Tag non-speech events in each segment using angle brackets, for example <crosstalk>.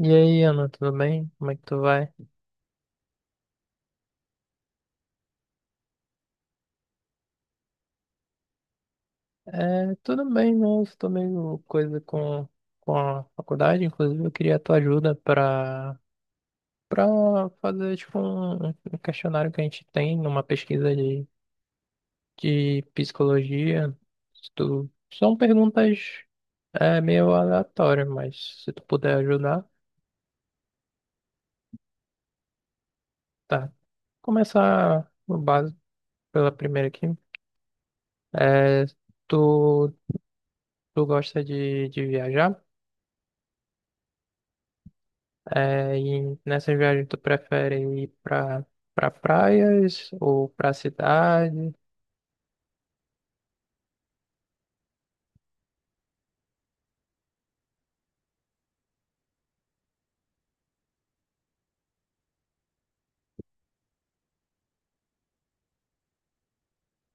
E aí, Ana, tudo bem? Como é que tu vai? É, tudo bem, né? Eu estou meio coisa com a faculdade, inclusive eu queria a tua ajuda para fazer tipo um questionário que a gente tem numa pesquisa de psicologia. Se tu- são perguntas meio aleatórias, mas se tu puder ajudar, tá. Começar no básico pela primeira aqui. É, tu, tu gosta de viajar? É, e nessas viagens tu prefere ir pra praias ou pra cidade?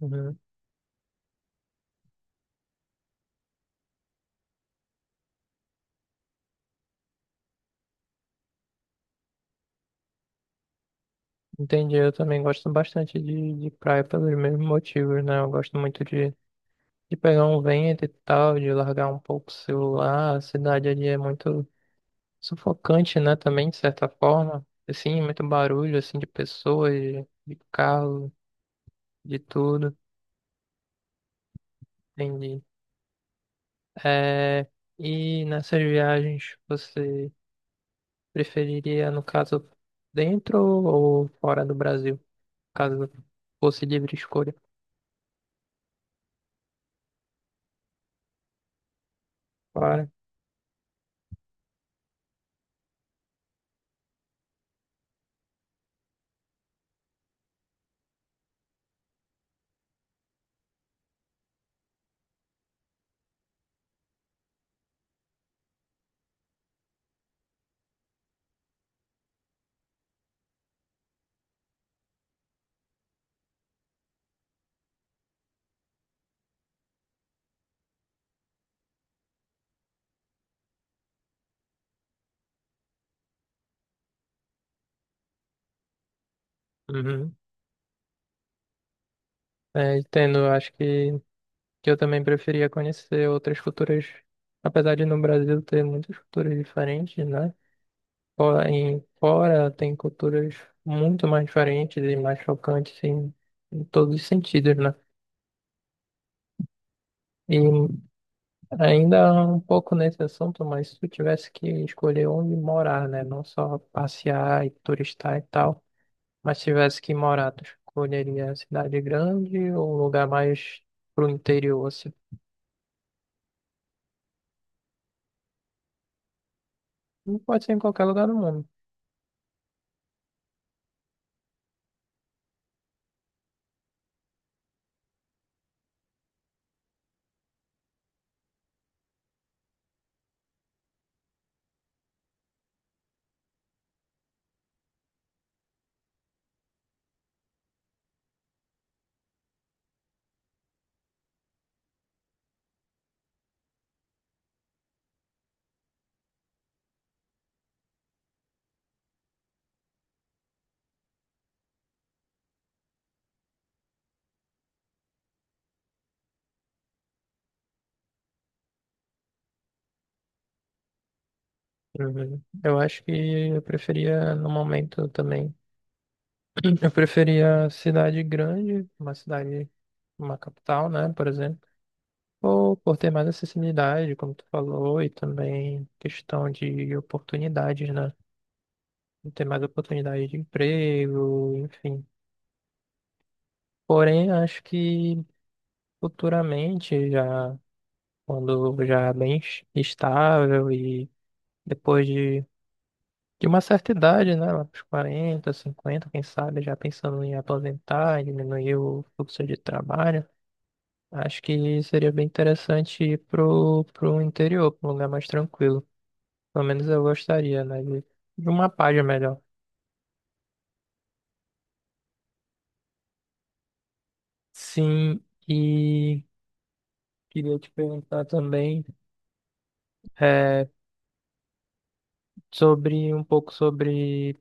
Uhum. Entendi, eu também gosto bastante de praia pelos mesmos motivos, né? Eu gosto muito de pegar um vento e tal, de largar um pouco o celular. A cidade ali é muito sufocante, né? Também, de certa forma. Assim, muito barulho, assim, de pessoas, de carro, de tudo. Entendi. É, e nessas viagens você preferiria, no caso, dentro ou fora do Brasil, caso fosse livre escolha. Fora. Uhum. É, entendo, eu acho que eu também preferia conhecer outras culturas, apesar de no Brasil ter muitas culturas diferentes, né? Fora tem culturas muito mais diferentes e mais chocantes em todos os sentidos, né? E ainda um pouco nesse assunto, mas se eu tivesse que escolher onde morar, né? Não só passear e turistar e tal. Mas se tivesse que morar, tu escolheria a cidade grande ou um lugar mais pro interior, assim? Não. Pode ser em qualquer lugar do mundo. Uhum. Eu acho que eu preferia, no momento também, eu preferia cidade grande, uma cidade, uma capital, né, por exemplo, ou por ter mais acessibilidade, como tu falou, e também questão de oportunidades, né, de ter mais oportunidade de emprego, enfim. Porém, acho que futuramente já quando já é bem es- estável e depois de uma certa idade, né, lá pros 40 50 quem sabe, já pensando em aposentar, em diminuir o fluxo de trabalho, acho que seria bem interessante ir pro interior, pra um lugar mais tranquilo. Pelo menos eu gostaria, né, de uma página melhor. Sim, e queria te perguntar também é, sobre um pouco sobre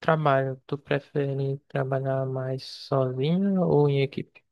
trabalho, tu prefere trabalhar mais sozinho ou em equipe?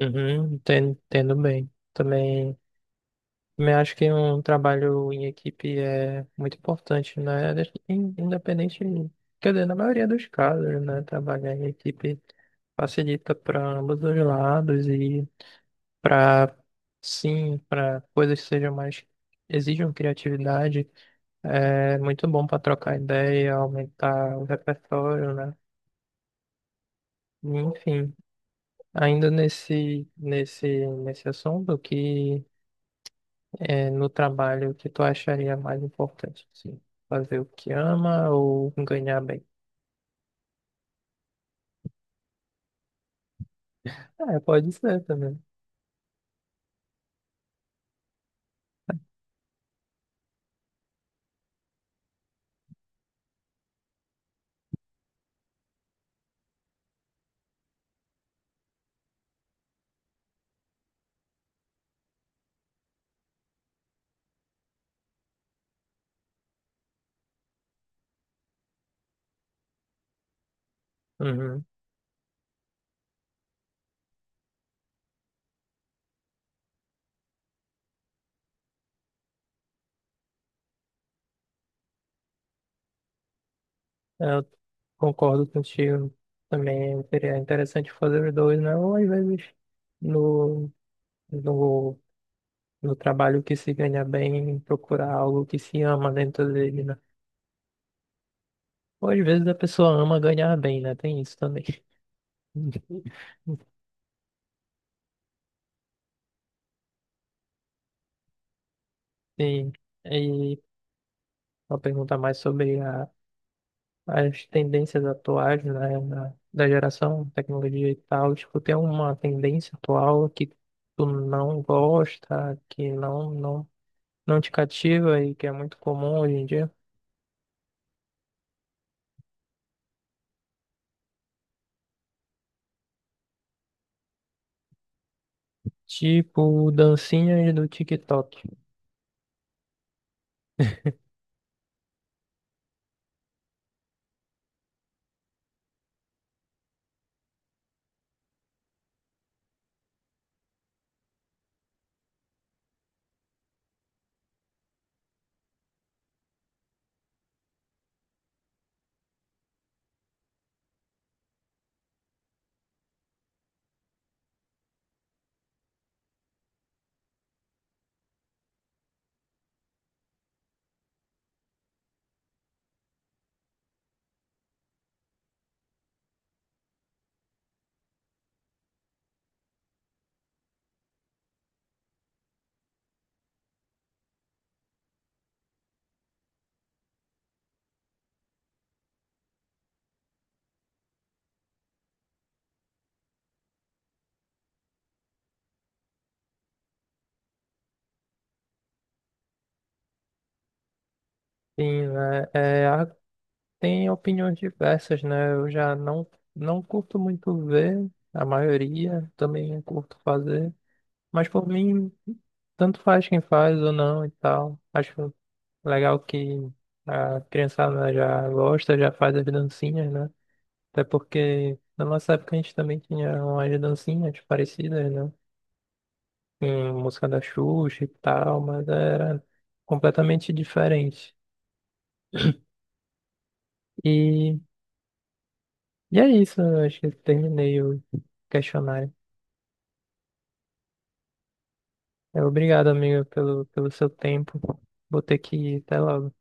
Uhum, entendo, entendo bem. Também, também acho que um trabalho em equipe é muito importante, né? In- independente, quer dizer, na maioria dos casos, né? Trabalhar em equipe facilita para ambos os lados e para, sim, para coisas que sejam mais, exijam criatividade, é muito bom para trocar ideia, aumentar o repertório, né? Enfim. Ainda nesse assunto, que é no trabalho o que tu acharia mais importante? Sim. Fazer o que ama ou ganhar bem? É, pode ser também. Uhum. Eu concordo contigo. Também seria interessante fazer os dois, né? Ou às vezes no, no, no trabalho que se ganha bem, procurar algo que se ama dentro dele, né? Ou às vezes a pessoa ama ganhar bem, né? Tem isso também. <laughs> Sim. E uma pergunta mais sobre a, as tendências atuais, né, na- da geração tecnologia e tal. Tipo, tem uma tendência atual que tu não gosta, que não te cativa e que é muito comum hoje em dia? Tipo, dancinhas do TikTok. Sim, né? É, há- tem opiniões diversas, né? Eu já não, não curto muito ver, a maioria também não curto fazer. Mas por mim, tanto faz quem faz ou não e tal. Acho legal que a criançada já gosta, já faz as dancinhas, né? Até porque na nossa época a gente também tinha umas dancinhas parecidas, né? Em música da Xuxa e tal, mas era completamente diferente. E, e é isso, eu acho que eu terminei o questionário. É, obrigado, amigo, pelo seu tempo. Vou ter que ir até logo.